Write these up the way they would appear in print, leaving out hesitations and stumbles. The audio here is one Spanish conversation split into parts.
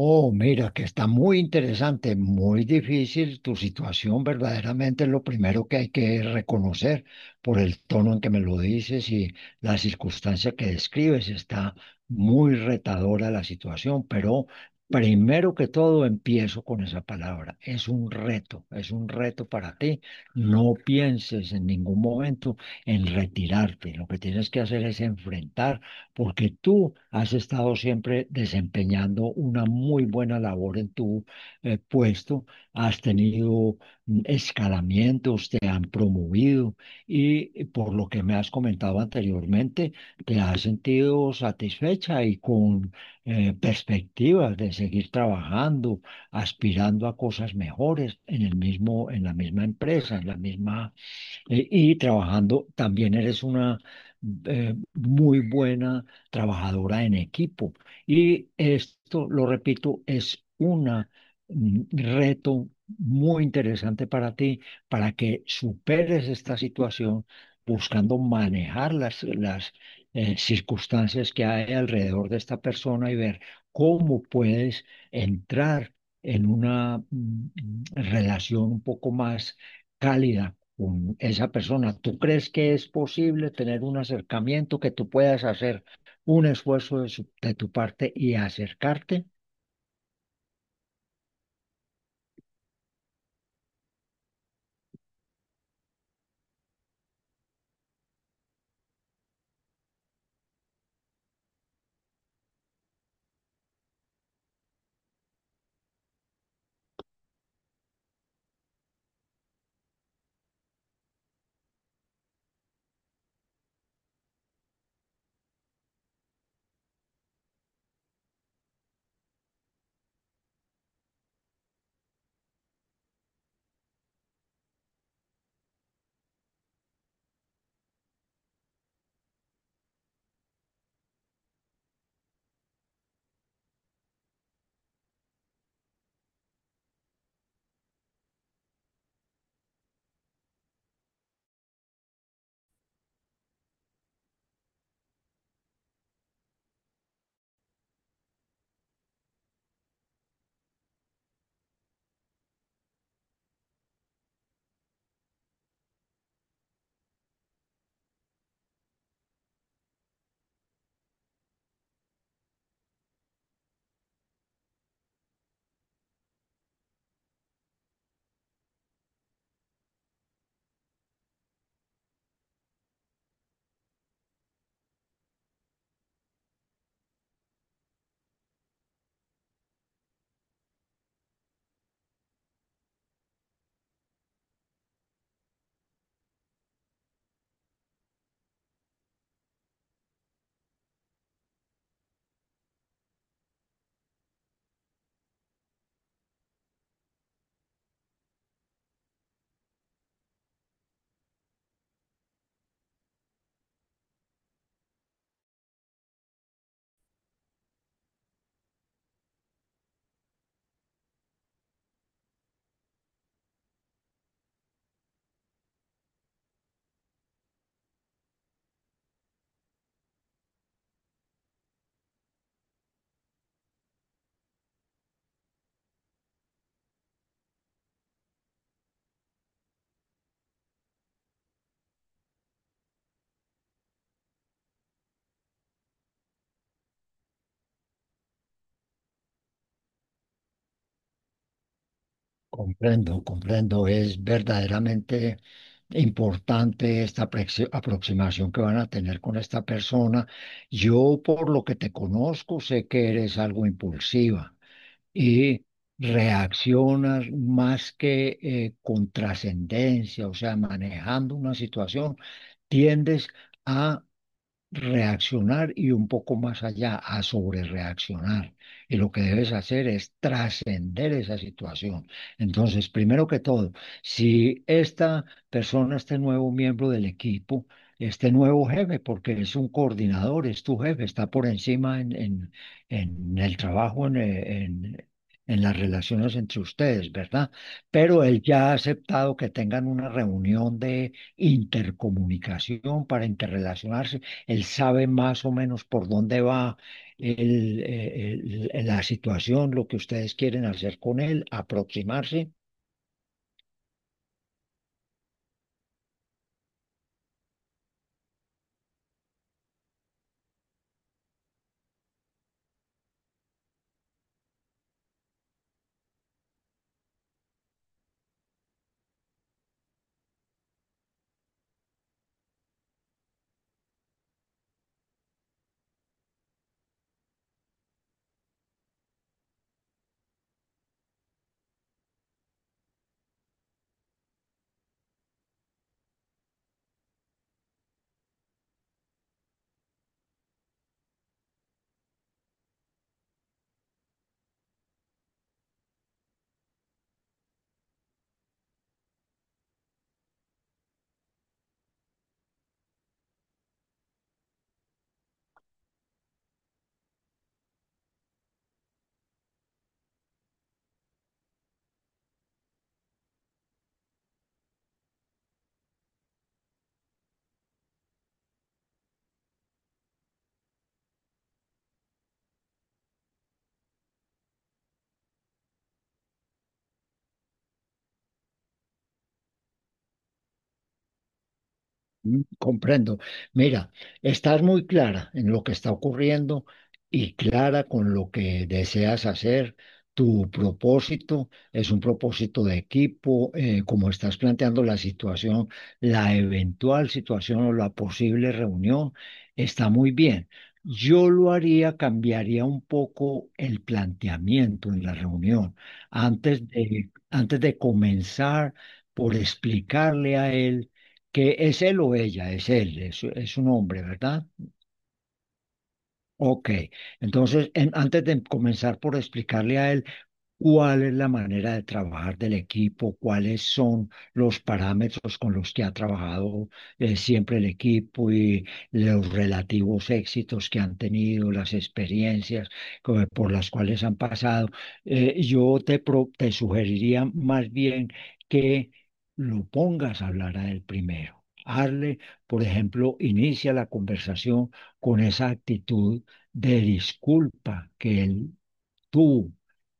Oh, mira, que está muy interesante, muy difícil tu situación, verdaderamente es lo primero que hay que reconocer por el tono en que me lo dices y la circunstancia que describes. Está muy retadora la situación, pero primero que todo empiezo con esa palabra. Es un reto para ti. No pienses en ningún momento en retirarte. Lo que tienes que hacer es enfrentar porque tú has estado siempre desempeñando una muy buena labor en tu puesto, has tenido escalamientos, te han promovido y por lo que me has comentado anteriormente, te has sentido satisfecha y con perspectivas de seguir trabajando, aspirando a cosas mejores en el mismo, en la misma empresa, en la misma y trabajando, también eres una muy buena trabajadora en equipo. Y esto, lo repito, es una, un reto muy interesante para ti, para que superes esta situación buscando manejar las circunstancias que hay alrededor de esta persona y ver cómo puedes entrar en una relación un poco más cálida con esa persona. ¿Tú crees que es posible tener un acercamiento, que tú puedas hacer un esfuerzo de, de tu parte y acercarte? Comprendo, comprendo. Es verdaderamente importante esta aproximación que van a tener con esta persona. Yo, por lo que te conozco, sé que eres algo impulsiva y reaccionas más que con trascendencia, o sea, manejando una situación, tiendes a reaccionar y un poco más allá a sobrereaccionar. Y lo que debes hacer es trascender esa situación. Entonces, primero que todo, si esta persona, este nuevo miembro del equipo, este nuevo jefe, porque es un coordinador, es tu jefe, está por encima en el trabajo, en las relaciones entre ustedes, ¿verdad? Pero él ya ha aceptado que tengan una reunión de intercomunicación para interrelacionarse. Él sabe más o menos por dónde va la situación, lo que ustedes quieren hacer con él, aproximarse. Mm, comprendo. Mira, estás muy clara en lo que está ocurriendo y clara con lo que deseas hacer. Tu propósito es un propósito de equipo, como estás planteando la situación, la eventual situación o la posible reunión, está muy bien. Yo lo haría, cambiaría un poco el planteamiento en la reunión. Antes de comenzar por explicarle a él que es él o ella, es él, es un hombre, ¿verdad? Ok, entonces antes de comenzar por explicarle a él cuál es la manera de trabajar del equipo, cuáles son los parámetros con los que ha trabajado siempre el equipo y los relativos éxitos que han tenido, las experiencias por las cuales han pasado. Yo te, te sugeriría más bien que lo pongas a hablar a él primero. Hazle, por ejemplo, inicia la conversación con esa actitud de disculpa que él tuvo.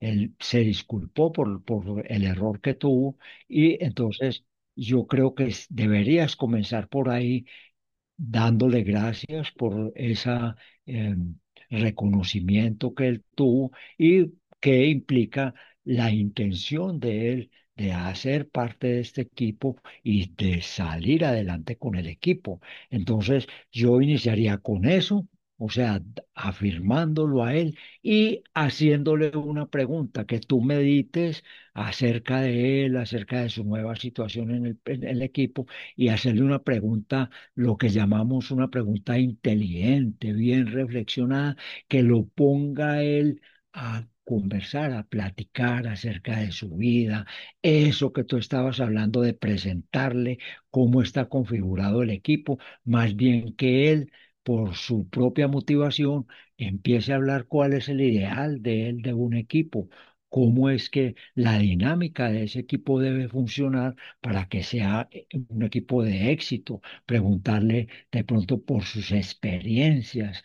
Él se disculpó por el error que tuvo y entonces yo creo que deberías comenzar por ahí dándole gracias por ese reconocimiento que él tuvo y que implica la intención de él de hacer parte de este equipo y de salir adelante con el equipo. Entonces, yo iniciaría con eso. O sea, afirmándolo a él y haciéndole una pregunta que tú medites acerca de él, acerca de su nueva situación en el equipo y hacerle una pregunta lo que llamamos una pregunta inteligente, bien reflexionada, que lo ponga él a conversar, a platicar acerca de su vida, eso que tú estabas hablando de presentarle, cómo está configurado el equipo, más bien que él, por su propia motivación, empiece a hablar cuál es el ideal de él, de un equipo, cómo es que la dinámica de ese equipo debe funcionar para que sea un equipo de éxito, preguntarle de pronto por sus experiencias,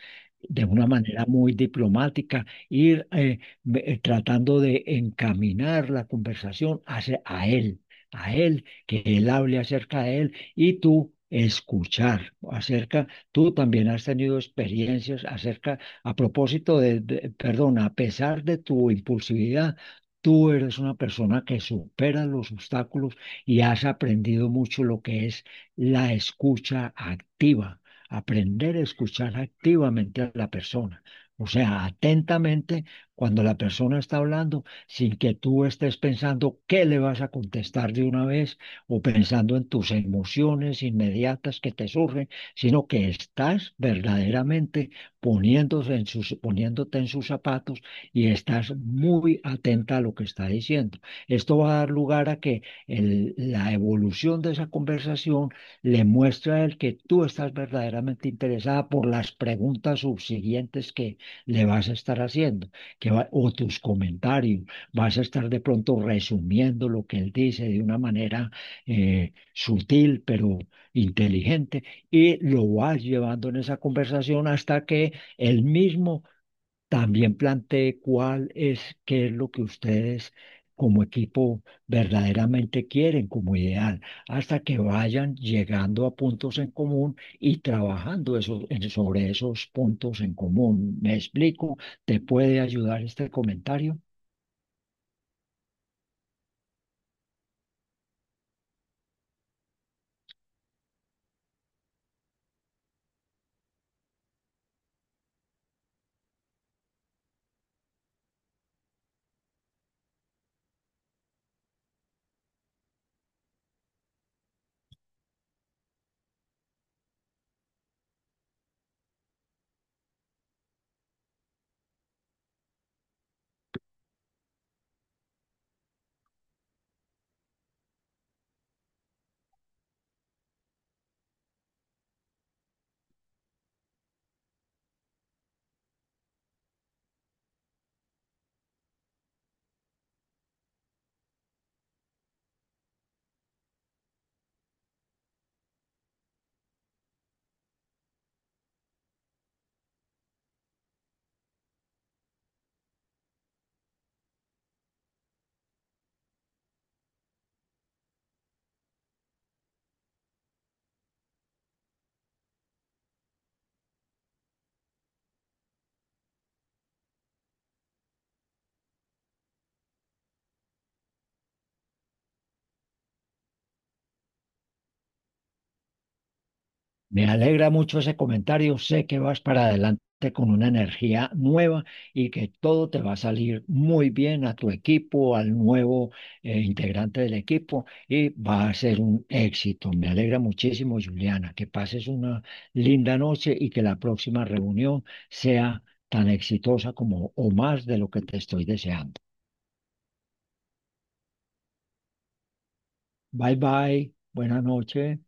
de una manera muy diplomática, ir tratando de encaminar la conversación hacia a él, que él hable acerca de él y tú escuchar acerca, tú también has tenido experiencias acerca, a propósito perdón, a pesar de tu impulsividad. Tú eres una persona que supera los obstáculos y has aprendido mucho lo que es la escucha activa, aprender a escuchar activamente a la persona. O sea, atentamente cuando la persona está hablando, sin que tú estés pensando qué le vas a contestar de una vez o pensando en tus emociones inmediatas que te surgen, sino que estás verdaderamente poniéndose en sus, poniéndote en sus zapatos y estás muy atenta a lo que está diciendo. Esto va a dar lugar a que la evolución de esa conversación le muestra a él que tú estás verdaderamente interesada por las preguntas subsiguientes que le vas a estar haciendo, que o tus comentarios, vas a estar de pronto resumiendo lo que él dice de una manera sutil, pero inteligente, y lo vas llevando en esa conversación hasta que él mismo también planteé cuál es, qué es lo que ustedes como equipo verdaderamente quieren como ideal, hasta que vayan llegando a puntos en común y trabajando sobre esos puntos en común. ¿Me explico? ¿Te puede ayudar este comentario? Me alegra mucho ese comentario. Sé que vas para adelante con una energía nueva y que todo te va a salir muy bien a tu equipo, al nuevo integrante del equipo y va a ser un éxito. Me alegra muchísimo, Juliana, que pases una linda noche y que la próxima reunión sea tan exitosa como o más de lo que te estoy deseando. Bye bye, buena noche.